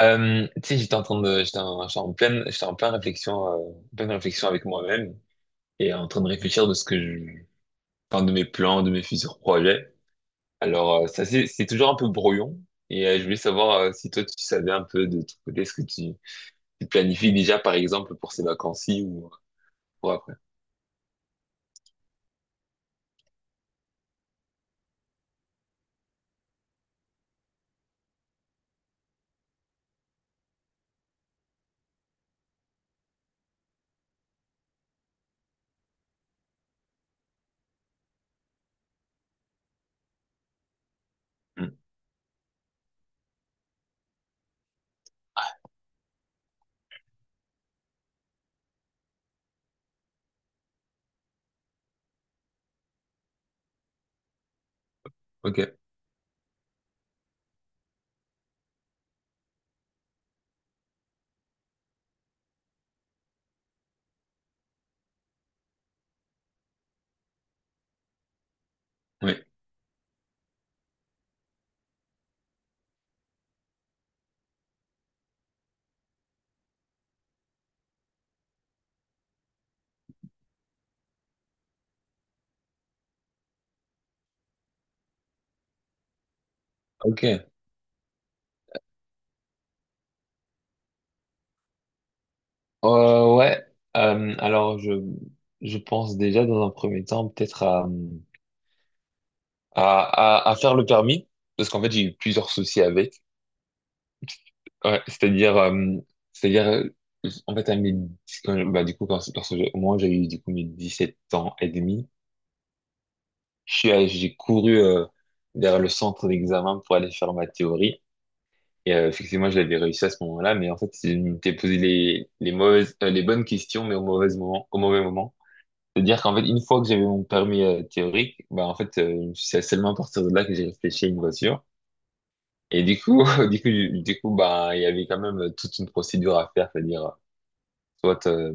Tu sais, j'étais en pleine réflexion, avec moi-même et en train de réfléchir de ce que je, enfin, de mes plans, de mes futurs projets. Alors, ça, c'est toujours un peu brouillon et je voulais savoir si toi, tu savais un peu de ton côté tu planifies déjà, par exemple, pour ces vacances-ci ou pour après. Hmm. Ok. Oui. Ok. Ouais. Alors, je pense déjà dans un premier temps peut-être à, à faire le permis parce qu'en fait, j'ai eu plusieurs soucis avec. Ouais, c'est-à-dire, euh, en fait, à mes, quand- je- bah, du coup, lorsque au moment où j'ai eu, du coup, mes 17 ans et demi, j'ai couru, vers le centre d'examen pour aller faire ma théorie. Et, effectivement, je l'avais réussi à ce moment-là, mais en fait, je m'étais posé les mauvaises, les bonnes questions, mais au mauvais moment, au mauvais moment. C'est-à-dire qu'en fait, une fois que j'avais mon permis, théorique, bah, en fait, c'est seulement à partir de là que j'ai réfléchi à une voiture. Et du coup, du coup, bah, il y avait quand même toute une procédure à faire, c'est-à-dire, soit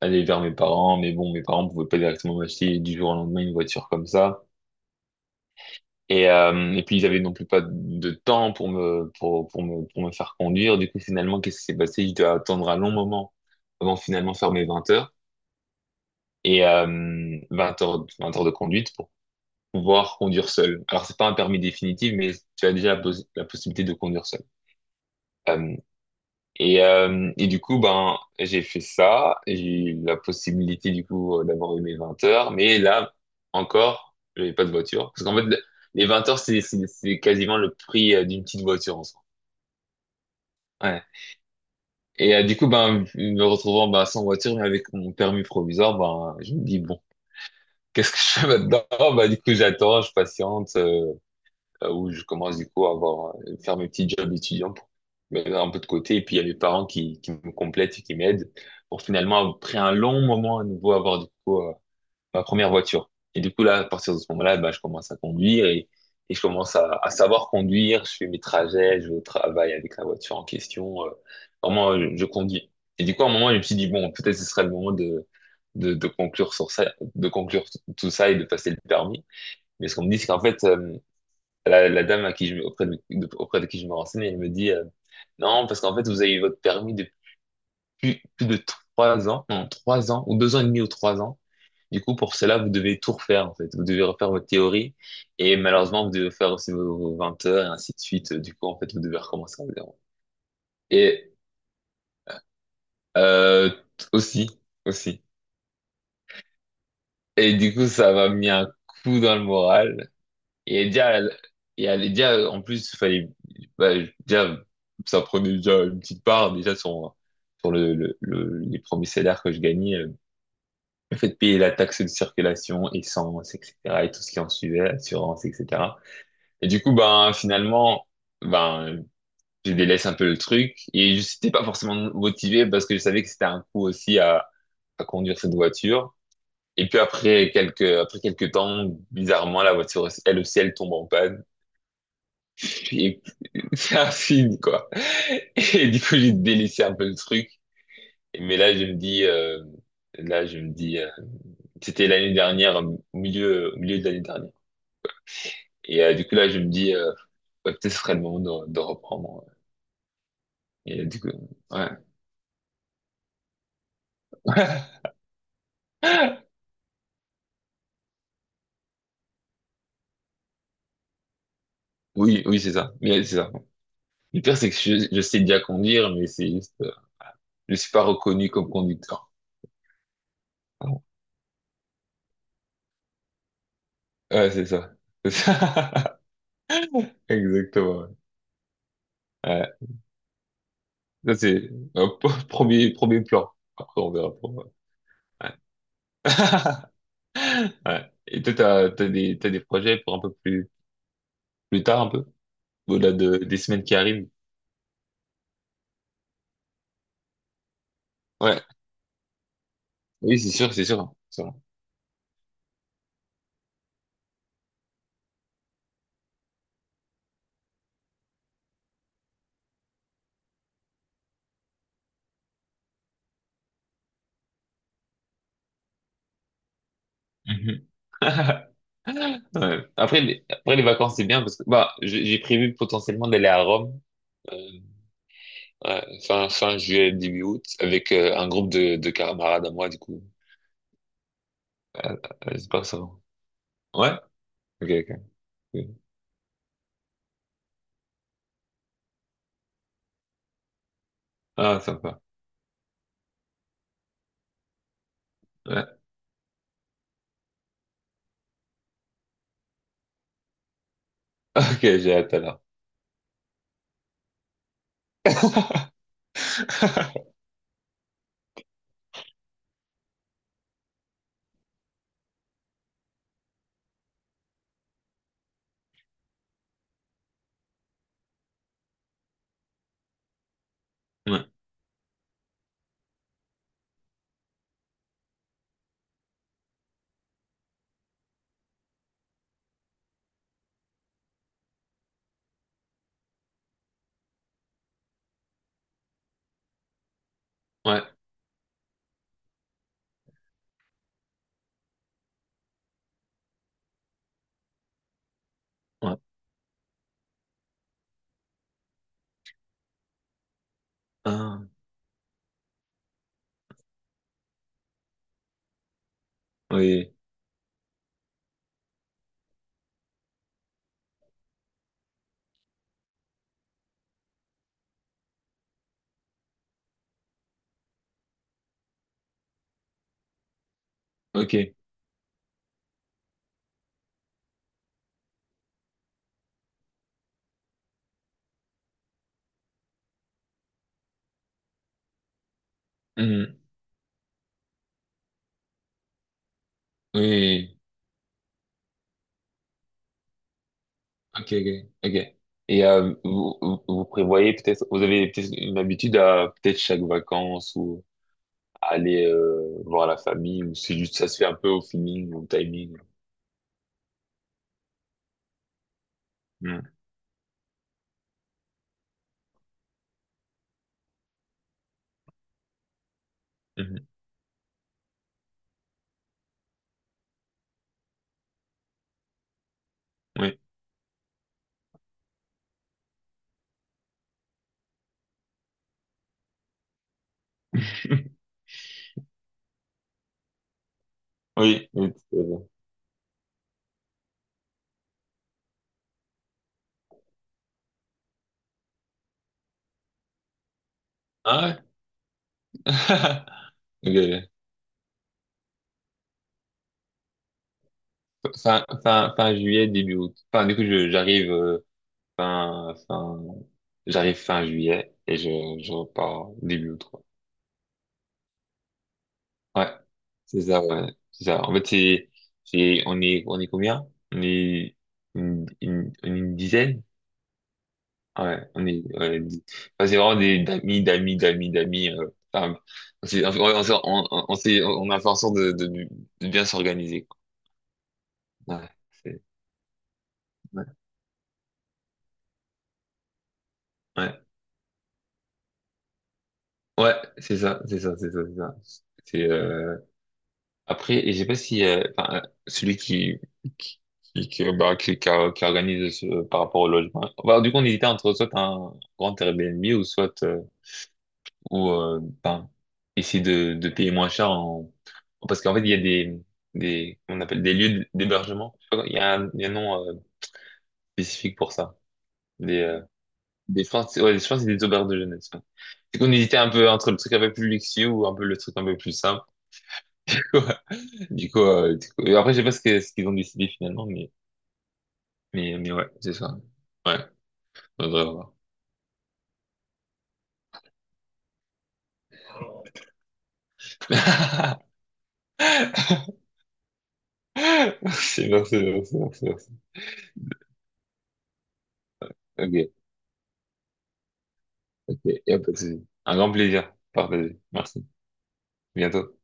aller vers mes parents, mais bon, mes parents pouvaient pas directement m'acheter du jour au lendemain une voiture comme ça. Et puis ils avaient non plus pas de temps pour me faire conduire. Du coup, finalement, qu'est-ce qui s'est passé? Je dois attendre un long moment avant de finalement faire mes 20 heures de conduite pour pouvoir conduire seul. Alors, c'est pas un permis définitif, mais tu as déjà la possibilité de conduire seul. Euh, et du coup, ben, j'ai fait ça. J'ai eu la possibilité, du coup, d'avoir eu mes 20 heures. Mais là, encore, j'avais pas de voiture. Parce qu'en fait, les 20 heures, c'est quasiment le prix d'une petite voiture en soi. Ouais. Et du coup, ben, me retrouvant ben, sans voiture, mais avec mon permis provisoire, ben, je me dis, bon, qu'est-ce que je fais maintenant? Ben, du coup, j'attends, je patiente, où je commence du coup à faire mes petits jobs étudiants pour mettre un peu de côté. Et puis il y a mes parents qui me complètent et qui m'aident pour finalement, après un long moment à nouveau, avoir du coup ma première voiture. Et du coup, là, à partir de ce moment-là, bah, je commence à conduire et je commence à savoir conduire. Je fais mes trajets, je vais au travail avec la voiture en question. Vraiment, je conduis. Et du coup, à un moment, je me suis dit, bon, peut-être ce serait le moment de conclure sur ça, de conclure tout ça et de passer le permis. Mais ce qu'on me dit, c'est qu'en fait, la dame à qui je, auprès de- auprès de qui je me renseignais, elle me dit non, parce qu'en fait, vous avez eu votre permis depuis plus de 3 ans, non, 3 ans, ou 2 ans et demi ou 3 ans. Du coup, pour cela, vous devez tout refaire, en fait. Vous devez refaire votre théorie, et malheureusement, vous devez faire aussi vos 20 heures, et ainsi de suite. Du coup, en fait, vous devez recommencer à zéro. Et euh, aussi, aussi. Et du coup, ça m'a mis un coup dans le moral. Et déjà, Déjà en plus, fallait, bah, déjà, ça prenait déjà une petite part, déjà, sur les premiers salaires que je gagnais. Le fait de payer la taxe de circulation, essence, etc., et tout ce qui en suivait, assurance, etc. Et du coup, ben, finalement, ben, je délaisse un peu le truc. Et je n'étais pas forcément motivé parce que je savais que c'était un coût aussi à conduire cette voiture. Et puis après quelques temps, bizarrement, la voiture, elle aussi, elle tombe en panne. Et c'est un film, quoi. Et du coup, j'ai délaissé un peu le truc. Mais là, je me dis, là, je me dis, euh, c'était l'année dernière, au milieu de l'année dernière. Et du coup, là, je me dis, ouais, peut-être ce serait le moment de reprendre. Ouais. Et du coup, ouais. Oui, oui, c'est ça. Mais c'est ça. Le pire, c'est que je sais déjà conduire, mais c'est juste, je suis pas reconnu comme conducteur. Ouais, c'est ça. C'est ça. Exactement. Ouais. Ouais. Ça, c'est un premier plan. Après, on verra. Ouais. Ouais. Et toi, t'as des projets pour un peu plus tard, un peu, au-delà de, des semaines qui arrivent. Ouais. Oui, c'est sûr, c'est sûr. C'est sûr. Mhm. Ouais. Après, les vacances, c'est bien parce que, bah, j'ai prévu potentiellement d'aller à Rome, euh, ouais, fin juillet, début août, avec un groupe de camarades à moi, du coup. Euh, J'espère que ça va. Ouais? Ok, ok. Ok. Ah, sympa. Ouais. Ok, j'ai hâte alors. Ouais, ouais, ouais. Ah, oui, ok. Mhm. Oui, ok, ok, ok. Et vous vous prévoyez peut-être, vous avez peut-être une habitude à peut-être chaque vacances ou à aller voir la famille ou c'est juste ça se fait un peu au feeling, au timing. Mm. Mhm. Oui, oui, oui, tout à fait. Ah ouais? Ok. Ok. Fin juillet, début août. Enfin, du coup, j'arrive fin, fin, j'arrive fin juillet et je repars début août. Ouais, c'est ça, ouais. C'est ça. En fait, on est combien? On est une dizaine? Ouais, on est, ouais, 10. Enfin, c'est vraiment d'amis, d'amis, d'amis, d'amis. Enfin, on a fait en sorte de bien s'organiser, quoi. Ouais, c'est, ouais, ouais, Ouais, c'est ça, c'est ça, c'est ça, c'est ça. C'est, euh, Après, je sais pas si enfin, celui qui qui organise par rapport au logement. Bah, du coup, on hésitait entre soit un grand Airbnb ou soit ou ben, essayer de payer moins cher en parce qu'en fait il y a des on appelle des lieux d'hébergement. Je sais pas, il y a un, il y a un nom spécifique pour ça. Des euh, des je pense ouais, je pense que c'est des auberges de jeunesse. Ouais. Du coup, on hésitait un peu entre le truc un peu plus luxueux ou un peu le truc un peu plus simple. Du coup, et après, je sais pas ce qu'ils ont décidé finalement, mais ouais, c'est ça. Ouais, faudrait voir. Merci, merci, merci, merci, merci. Ok, ok, y a pas de souci. Un grand plaisir. Partagé. Merci. À bientôt.